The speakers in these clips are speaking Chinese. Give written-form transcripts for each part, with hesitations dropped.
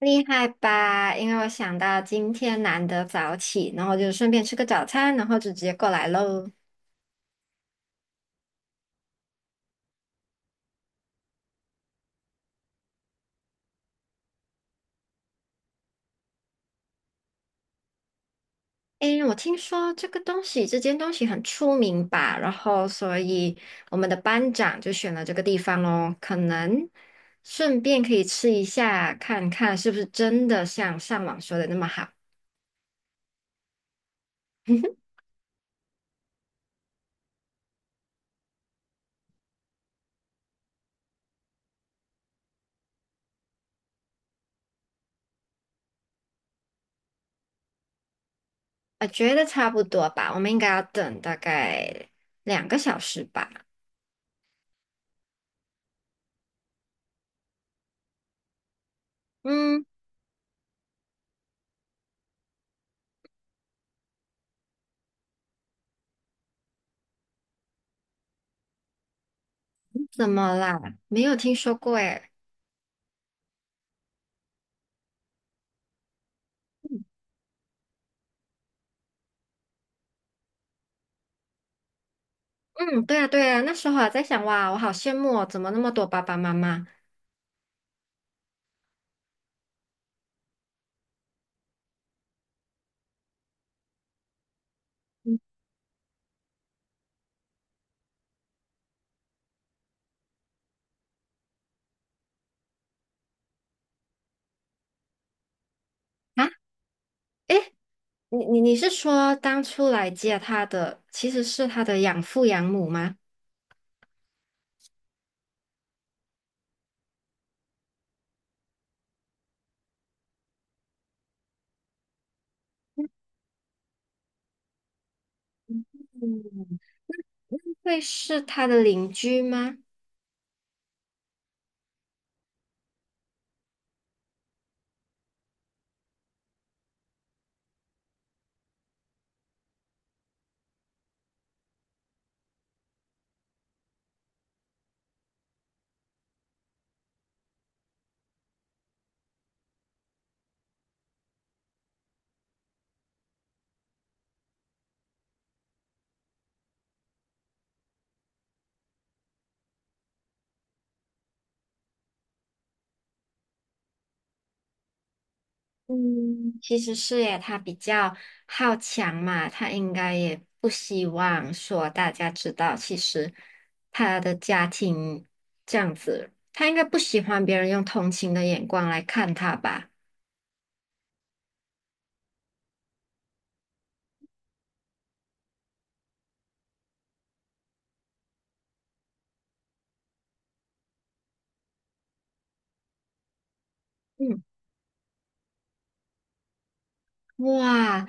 厉害吧？因为我想到今天难得早起，然后就顺便吃个早餐，然后就直接过来喽。诶，我听说这个东西，这间东西很出名吧？然后，所以我们的班长就选了这个地方哦，可能顺便可以吃一下，看看是不是真的像上网说的那么好。我觉得差不多吧，我们应该要等大概两个小时吧。嗯，怎么啦？没有听说过诶。嗯，对啊，对啊，那时候还在想，哇，我好羡慕哦，怎么那么多爸爸妈妈？嗯啊，诶，你是说当初来接他的其实是他的养父养母吗？嗯会是他的邻居吗？嗯，其实是耶，他比较好强嘛，他应该也不希望说大家知道，其实他的家庭这样子，他应该不喜欢别人用同情的眼光来看他吧。嗯。哇，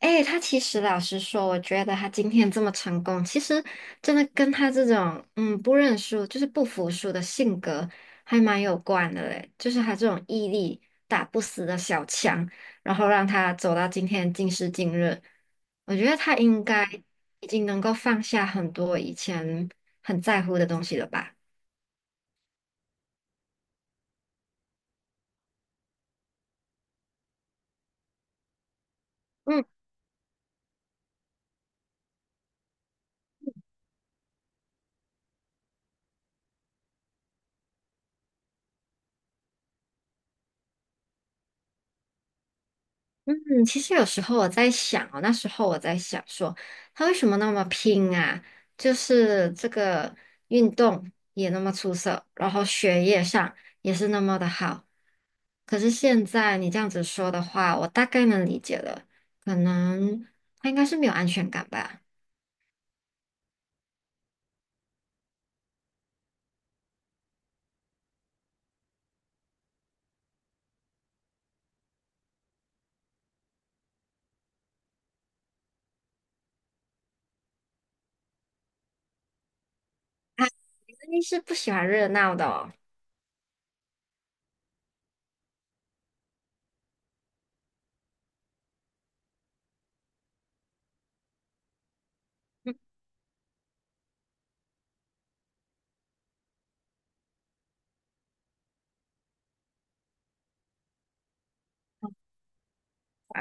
哎，他其实老实说，我觉得他今天这么成功，其实真的跟他这种不认输，就是不服输的性格还蛮有关的嘞。就是他这种毅力、打不死的小强，然后让他走到今时今日，我觉得他应该已经能够放下很多以前很在乎的东西了吧。嗯。嗯其实有时候我在想哦，那时候我在想说，他为什么那么拼啊？就是这个运动也那么出色，然后学业上也是那么的好。可是现在你这样子说的话，我大概能理解了，可能他应该是没有安全感吧？啊，肯定是不喜欢热闹的哦。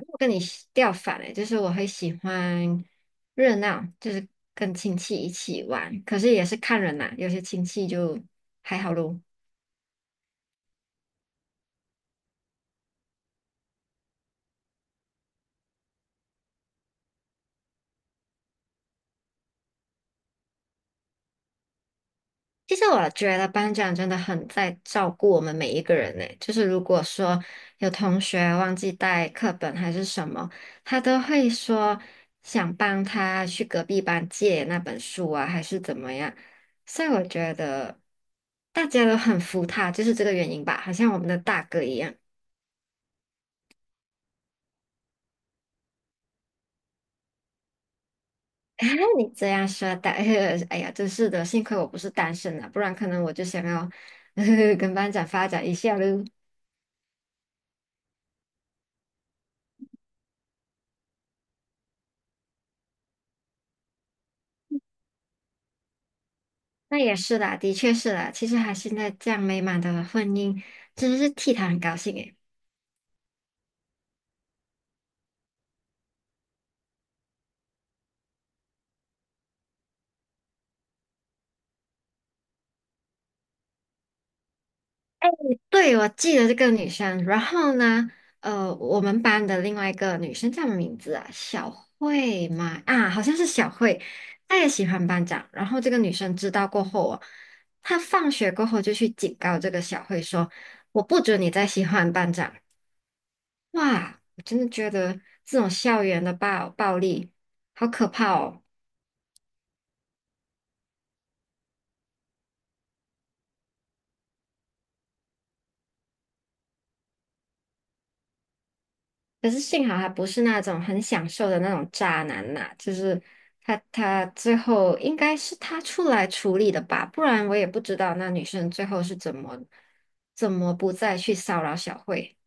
我跟你喜调反了，就是我会喜欢热闹，就是跟亲戚一起玩，可是也是看人啦，有些亲戚就还好咯。其实我觉得班长真的很在照顾我们每一个人呢，就是如果说有同学忘记带课本还是什么，他都会说想帮他去隔壁班借那本书啊，还是怎么样。所以我觉得大家都很服他，就是这个原因吧，好像我们的大哥一样。哎，你这样说的，哎呀，真是的，幸亏我不是单身啊，不然可能我就想要 跟班长发展一下喽。那也是啦，的确是啦，其实还现在这样美满的婚姻，真的是替他很高兴诶。对，我记得这个女生。然后呢，我们班的另外一个女生叫什么名字啊？小慧嘛，啊，好像是小慧。她也喜欢班长。然后这个女生知道过后哦，她放学过后就去警告这个小慧说：“我不准你再喜欢班长。”哇，我真的觉得这种校园的暴力好可怕哦。可是幸好他不是那种很享受的那种渣男呐、就是他最后应该是他出来处理的吧，不然我也不知道那女生最后是怎么不再去骚扰小慧。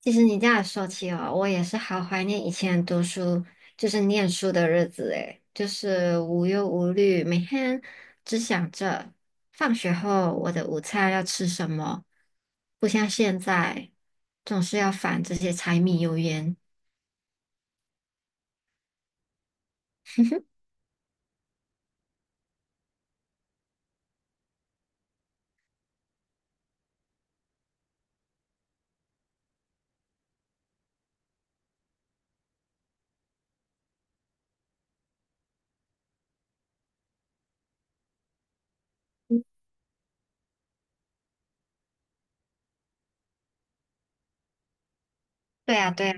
其实你这样说起哦，我也是好怀念以前读书，就是念书的日子诶，就是无忧无虑，每天只想着放学后我的午餐要吃什么，不像现在总是要烦这些柴米油盐。对呀，对呀，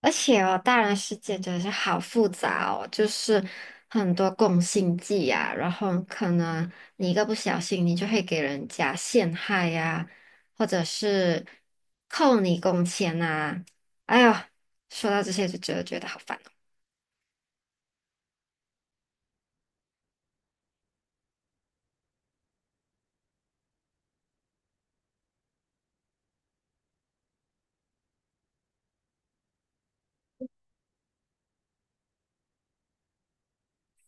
而且哦，大人世界真的是好复杂哦，就是很多共性剂呀、然后可能你一个不小心，你就会给人家陷害呀、或者是扣你工钱呐、哎呦，说到这些就觉得好烦哦。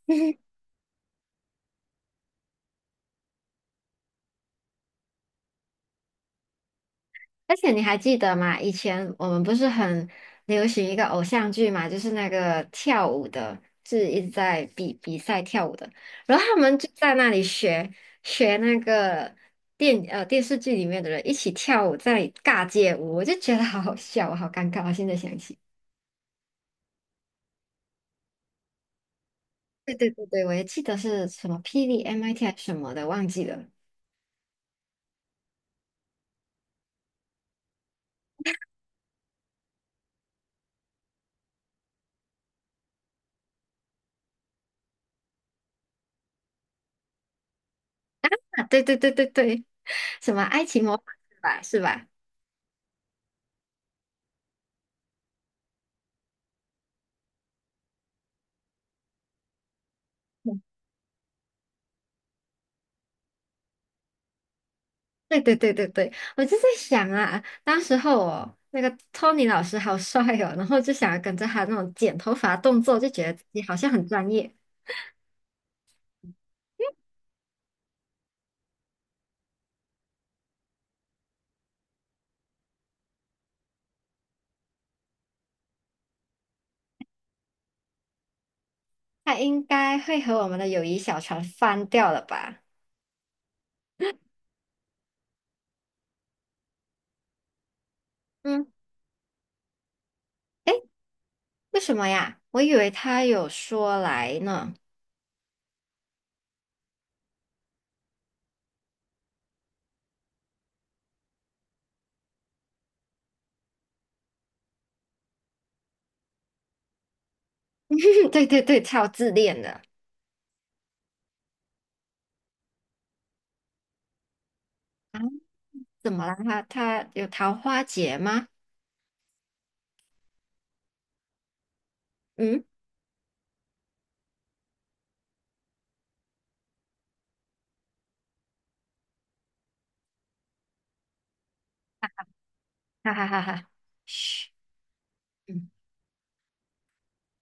而且你还记得吗？以前我们不是很流行一个偶像剧嘛，就是那个跳舞的，是一直在比赛跳舞的，然后他们就在那里学那个电视剧里面的人一起跳舞，在那里尬街舞，我就觉得好好笑，我好尴尬，我现在想起。对对对对，我也记得是什么霹雳 MIT 还是什么的，忘记了。啊，对对对对对，什么爱情魔法是吧？是吧？对对对对对，我就在想啊，当时候哦，那个托尼老师好帅哦，然后就想要跟着他那种剪头发动作，就觉得自己好像很专业。他应该会和我们的友谊小船翻掉了吧？嗯，为什么呀？我以为他有说来呢。对对对，超自恋的啊？怎么了？他有桃花劫吗？嗯，哈哈哈哈，嘘。嗯